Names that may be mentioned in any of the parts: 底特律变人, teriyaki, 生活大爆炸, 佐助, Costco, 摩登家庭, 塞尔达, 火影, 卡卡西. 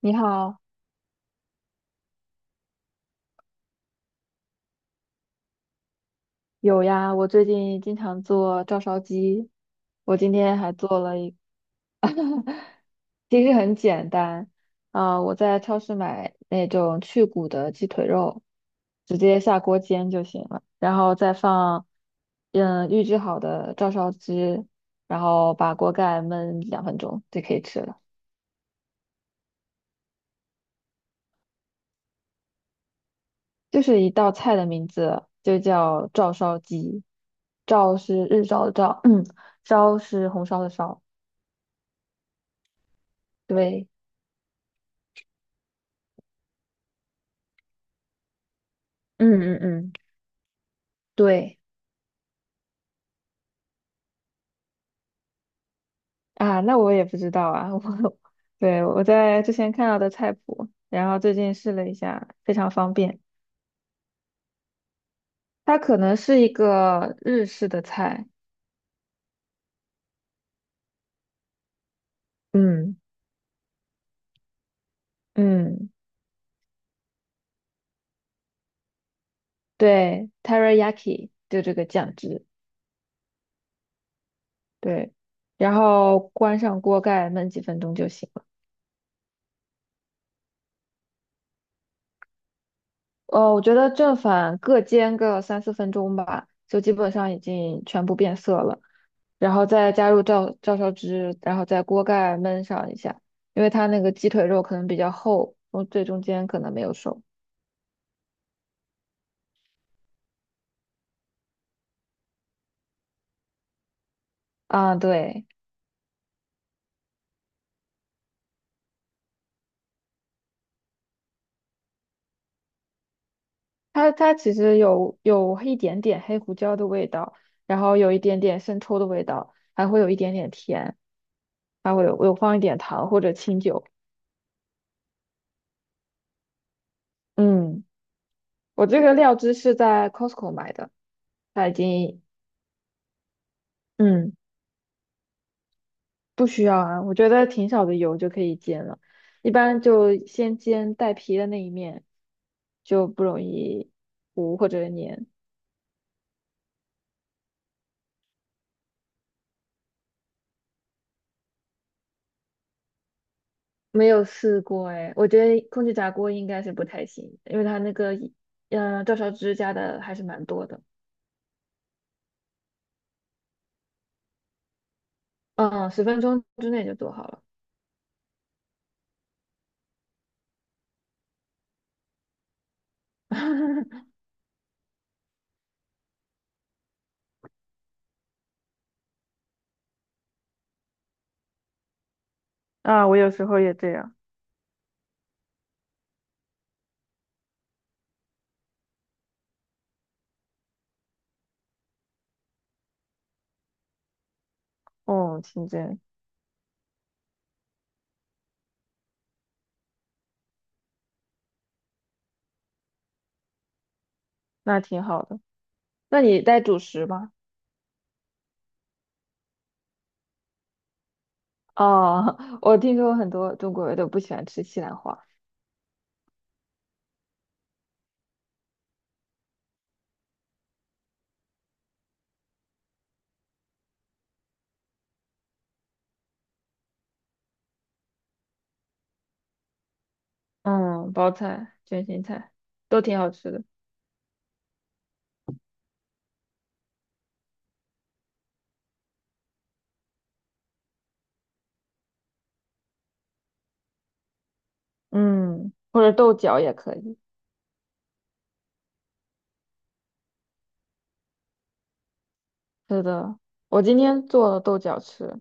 你好。有呀，我最近经常做照烧鸡。我今天还做了一其实很简单。我在超市买那种去骨的鸡腿肉，直接下锅煎就行了，然后再放，嗯，预制好的照烧汁，然后把锅盖焖2分钟就可以吃了。就是一道菜的名字就叫照烧鸡，照是日照的照，烧是红烧的烧。对，嗯嗯嗯。对啊，那我也不知道啊，我在之前看到的菜谱，然后最近试了一下，非常方便。它可能是一个日式的菜。嗯嗯。对，teriyaki 就这个酱汁。对，然后关上锅盖焖几分钟就行了。我觉得正反各煎个3、4分钟吧，就基本上已经全部变色了，然后再加入照烧汁，然后在锅盖焖上一下，因为它那个鸡腿肉可能比较厚，我最中间可能没有熟。啊，对。它其实有一点点黑胡椒的味道，然后有一点点生抽的味道，还会有一点点甜，还会有放一点糖或者清酒。嗯，我这个料汁是在 Costco 买的，它已经嗯。不需要啊，我觉得挺少的油就可以煎了，一般就先煎带皮的那一面，就不容易糊或者粘。没有试过哎，我觉得空气炸锅应该是不太行，因为它那个，嗯，照烧汁加的还是蛮多的。嗯，10分钟之内就做好了。啊，我有时候也这样。哦，清蒸。那挺好的。那你带主食吗？哦，我听说很多中国人都不喜欢吃西兰花。嗯，包菜、卷心菜都挺好吃的。嗯，或者豆角也可以。是的，我今天做了豆角吃。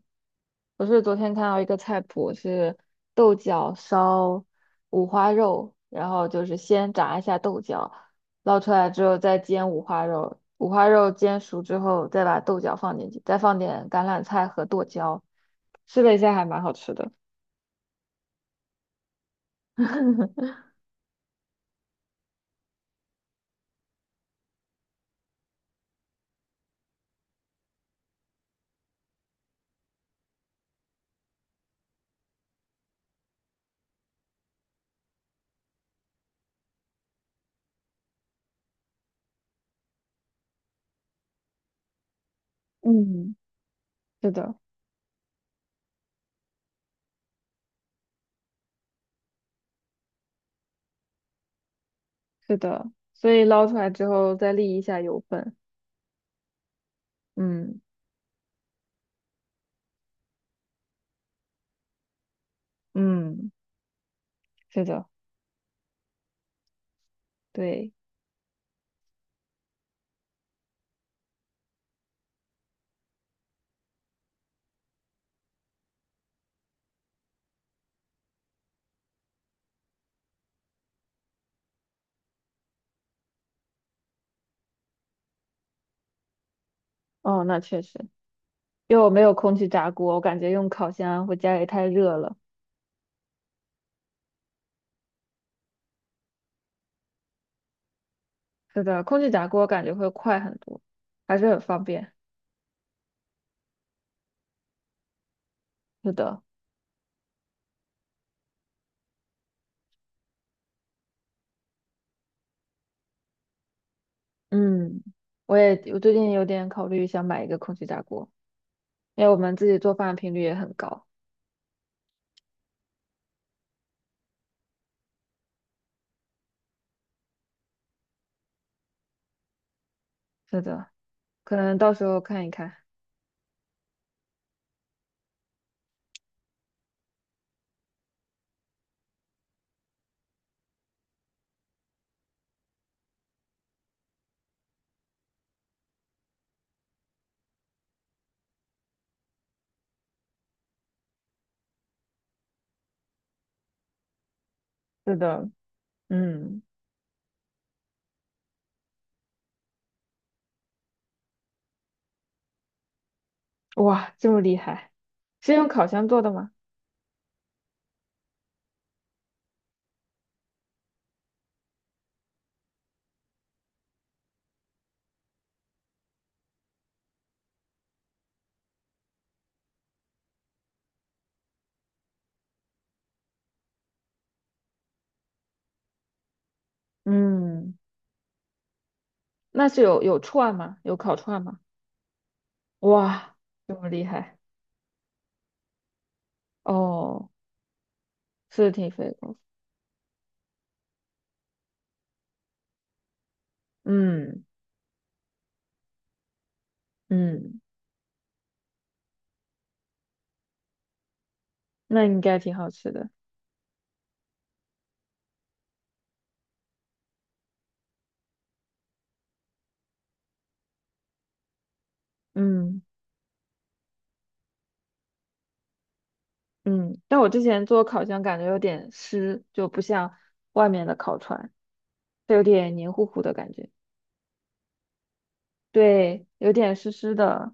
我是昨天看到一个菜谱是豆角烧五花肉，然后就是先炸一下豆角，捞出来之后再煎五花肉，五花肉煎熟之后再把豆角放进去，再放点橄榄菜和剁椒，试了一下还蛮好吃的。嗯。是的。是的，所以捞出来之后再沥一下油分。嗯嗯，是的。对。哦，那确实。因为我没有空气炸锅，我感觉用烤箱会家里太热了。是的，空气炸锅感觉会快很多，还是很方便。是的。嗯，我最近有点考虑想买一个空气炸锅，因为我们自己做饭的频率也很高。是的，可能到时候看一看。是的。嗯。哇，这么厉害，是用烤箱做的吗？嗯，那是有串吗？有烤串吗？哇，这么厉害。哦，是挺肥的。嗯嗯，那应该挺好吃的。嗯嗯。但我之前做烤箱感觉有点湿，就不像外面的烤串，它有点黏糊糊的感觉。对，有点湿湿的。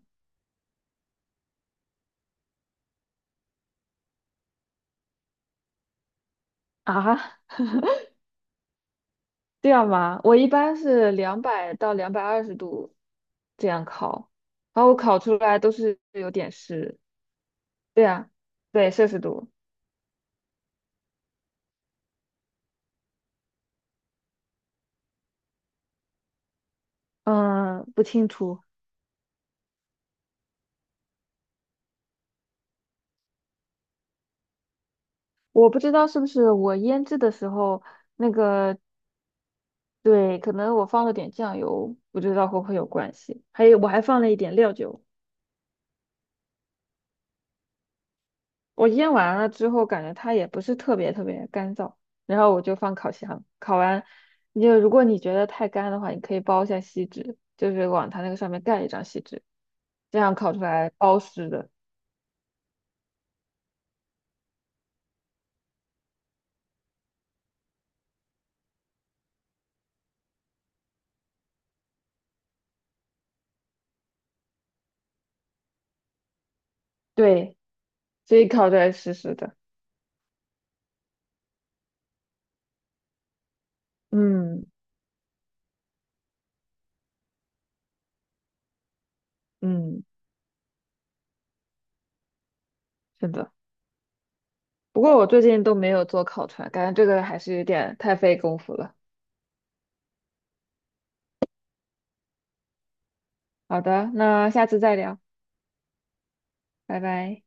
啊，这样吗？我一般是两百到220度这样烤，然后我烤出来都是有点湿。对啊，对，摄氏度。嗯，不清楚。我不知道是不是我腌制的时候那个，对，可能我放了点酱油，不知道会不会有关系。还有我还放了一点料酒。我腌完了之后，感觉它也不是特别特别干燥，然后我就放烤箱，烤完，你就如果你觉得太干的话，你可以包一下锡纸，就是往它那个上面盖一张锡纸，这样烤出来包湿的。对，所以烤出来湿湿的。嗯嗯，是的。不过我最近都没有做烤串，感觉这个还是有点太费功夫了。好的，那下次再聊，拜拜。